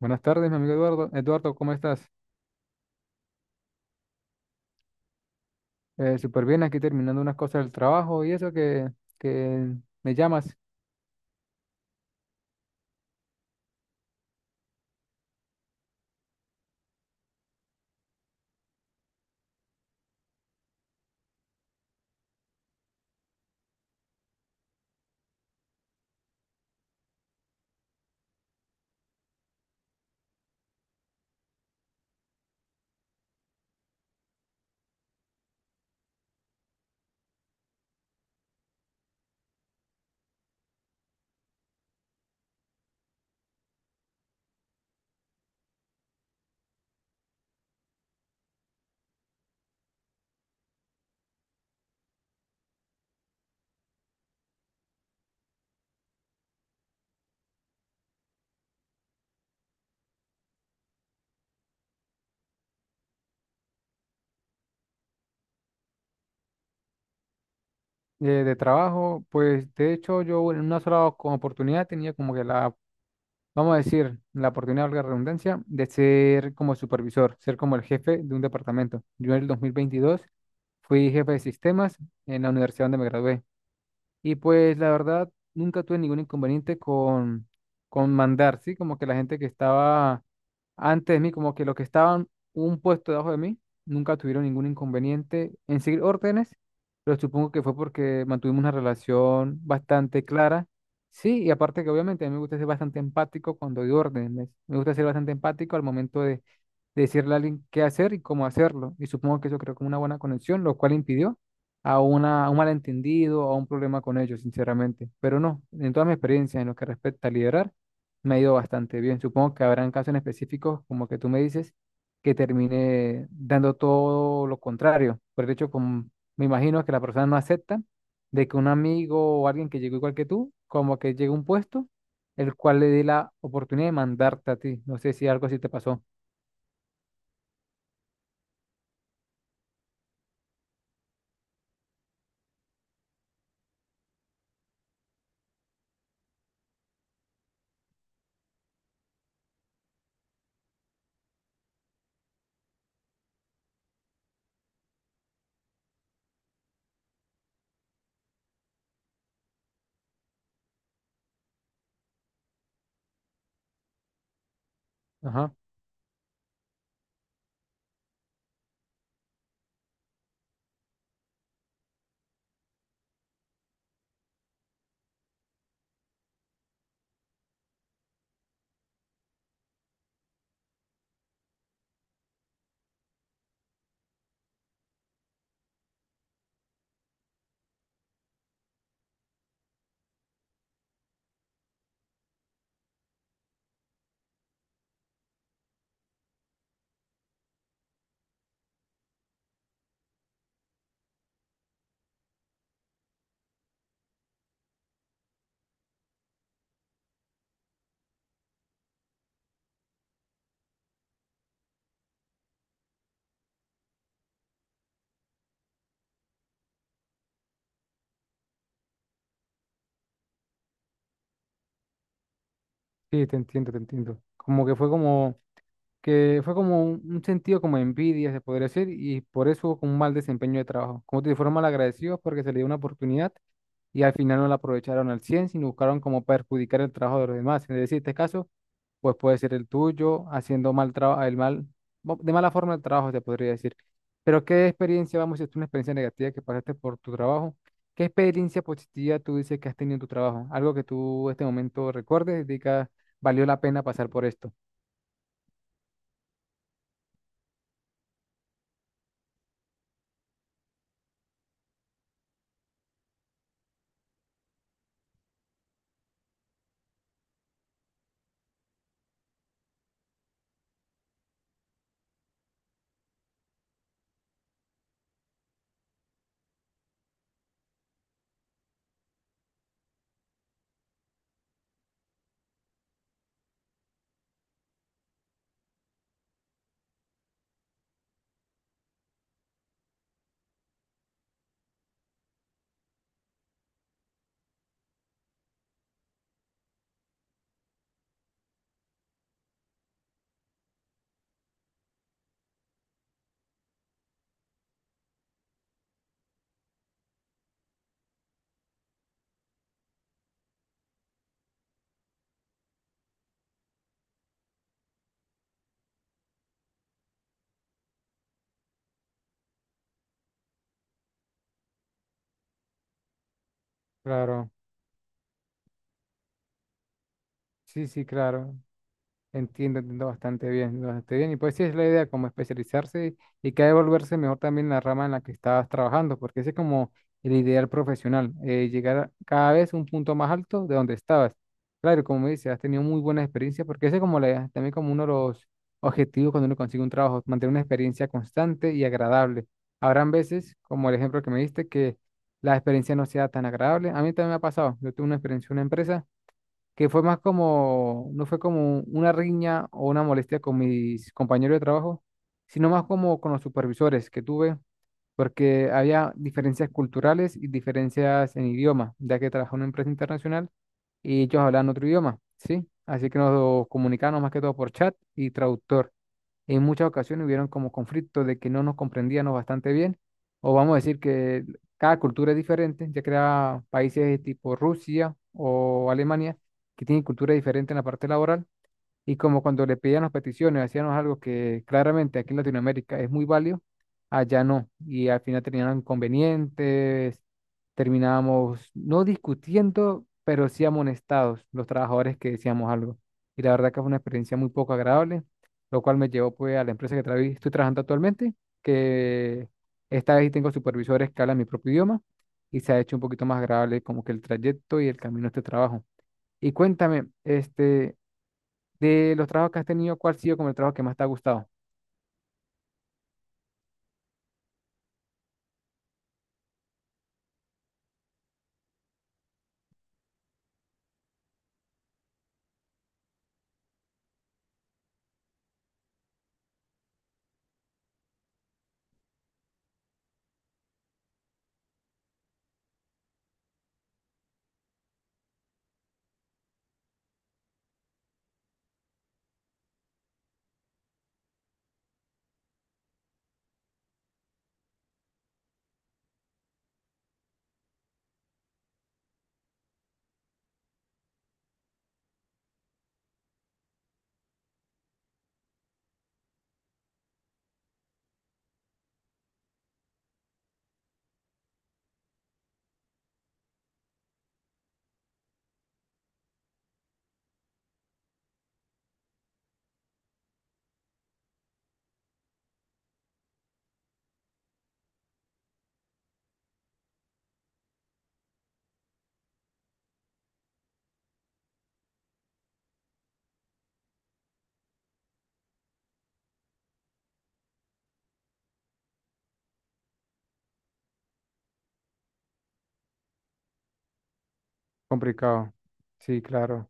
Buenas tardes, mi amigo Eduardo. Eduardo, ¿cómo estás? Súper bien, aquí terminando unas cosas del trabajo y eso que me llamas de trabajo. Pues de hecho yo en una sola como oportunidad tenía como vamos a decir, la oportunidad, valga la redundancia, de ser como supervisor, ser como el jefe de un departamento. Yo en el 2022 fui jefe de sistemas en la universidad donde me gradué. Y pues la verdad, nunca tuve ningún inconveniente con mandar, ¿sí? Como que la gente que estaba antes de mí, como que los que estaban un puesto debajo de mí, nunca tuvieron ningún inconveniente en seguir órdenes, pero supongo que fue porque mantuvimos una relación bastante clara. Sí, y aparte que obviamente a mí me gusta ser bastante empático cuando doy órdenes, me gusta ser bastante empático al momento de decirle a alguien qué hacer y cómo hacerlo, y supongo que eso creó como una buena conexión, lo cual impidió a, una, a un malentendido, a un problema con ellos, sinceramente, pero no, en toda mi experiencia en lo que respecta a liderar. Me ha ido bastante bien. Supongo que habrán casos en específicos, como que tú me dices, que termine dando todo lo contrario. Por el hecho, como me imagino que la persona no acepta de que un amigo o alguien que llegó igual que tú, como que llegue a un puesto, el cual le dé la oportunidad de mandarte a ti. No sé si algo así te pasó. Ajá. Sí, te entiendo, te entiendo. Como que fue como un sentido como de envidia, se podría decir, y por eso hubo como un mal desempeño de trabajo. Como te informan mal agradecidos porque se le dio una oportunidad y al final no la aprovecharon al 100 sino buscaron como perjudicar el trabajo de los demás. Es decir, este caso, pues puede ser el tuyo, haciendo mal trabajo, el mal, mo- de mala forma el trabajo, se podría decir. Pero ¿qué experiencia, vamos, si es una experiencia negativa que pasaste por tu trabajo? ¿Qué experiencia positiva tú dices que has tenido en tu trabajo? Algo que tú en este momento recuerdes y digas, valió la pena pasar por esto. Claro. Sí, sí, claro. Entiendo, entiendo bastante bien, entiendo bastante bien. Y pues sí es la idea, como especializarse y que volverse mejor también en la rama en la que estás trabajando, porque ese es como el ideal profesional, llegar a cada vez un punto más alto de donde estabas. Claro, como me dices, has tenido muy buena experiencia, porque ese es como la, también como uno de los objetivos cuando uno consigue un trabajo, mantener una experiencia constante y agradable. Habrán veces, como el ejemplo que me diste, que la experiencia no sea tan agradable. A mí también me ha pasado. Yo tuve una experiencia en una empresa que fue más como, no fue como una riña o una molestia con mis compañeros de trabajo, sino más como con los supervisores que tuve, porque había diferencias culturales y diferencias en idioma, ya que trabajaba en una empresa internacional y ellos hablaban otro idioma, ¿sí? Así que nos comunicábamos más que todo por chat y traductor. En muchas ocasiones hubieron como conflictos de que no nos comprendíamos bastante bien, o vamos a decir que cada cultura es diferente, ya que era países de tipo Rusia o Alemania, que tienen cultura diferente en la parte laboral, y como cuando le pedían las peticiones, hacíamos algo que claramente aquí en Latinoamérica es muy válido, allá no. Y al final terminaron inconvenientes, terminábamos no discutiendo, pero sí amonestados los trabajadores que decíamos algo. Y la verdad que fue una experiencia muy poco agradable, lo cual me llevó pues a la empresa que travi- estoy trabajando actualmente, que esta vez sí tengo supervisores que hablan mi propio idioma y se ha hecho un poquito más agradable como que el trayecto y el camino de este trabajo. Y cuéntame, este, de los trabajos que has tenido, ¿cuál ha sido como el trabajo que más te ha gustado? Complicado. Sí, claro.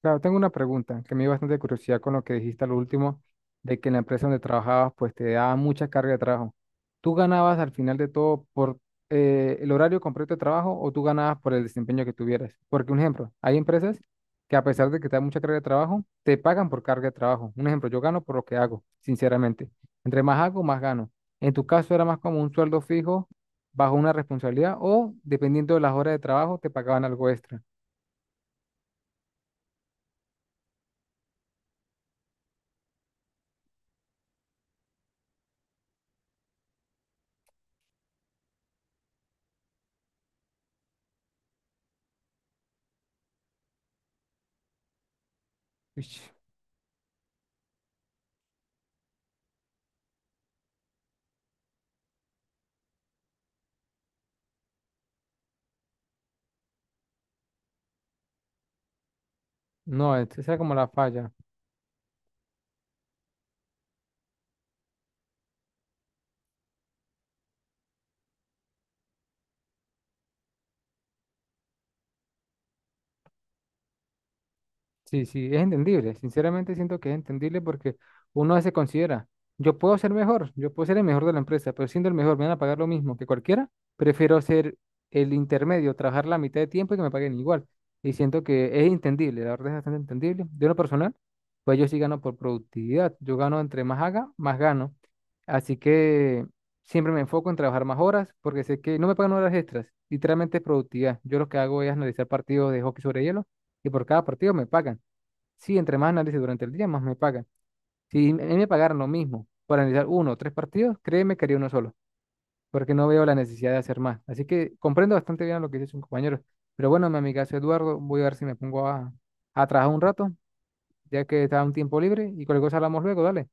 Claro, tengo una pregunta que me dio bastante curiosidad con lo que dijiste al último, de que en la empresa donde trabajabas, pues te daba mucha carga de trabajo. ¿Tú ganabas al final de todo por el horario completo de trabajo o tú ganabas por el desempeño que tuvieras? Porque, un ejemplo, hay empresas que a pesar de que te dan mucha carga de trabajo, te pagan por carga de trabajo. Un ejemplo, yo gano por lo que hago, sinceramente. Entre más hago, más gano. En tu caso era más como un sueldo fijo bajo una responsabilidad o, dependiendo de las horas de trabajo, te pagaban algo extra. Uish. No, esa era como la falla. Sí, sí, es entendible. Sinceramente siento que es entendible porque uno se considera, yo puedo ser mejor, yo puedo ser el mejor de la empresa, pero siendo el mejor me van a pagar lo mismo que cualquiera. Prefiero ser el intermedio, trabajar la mitad de tiempo y que me paguen igual. Y siento que es entendible, la verdad es bastante entendible. De lo personal, pues yo sí gano por productividad. Yo gano entre más haga, más gano. Así que siempre me enfoco en trabajar más horas porque sé que no me pagan horas extras. Literalmente es productividad. Yo lo que hago es analizar partidos de hockey sobre hielo y por cada partido me pagan. Sí, entre más análisis durante el día, más me pagan. Si a mí me pagaran lo mismo por analizar uno o tres partidos, créeme que haría uno solo, porque no veo la necesidad de hacer más. Así que comprendo bastante bien lo que dice su compañero. Pero bueno, mi amigazo Eduardo, voy a ver si me pongo a trabajar un rato, ya que está un tiempo libre y cualquier cosa hablamos luego, dale.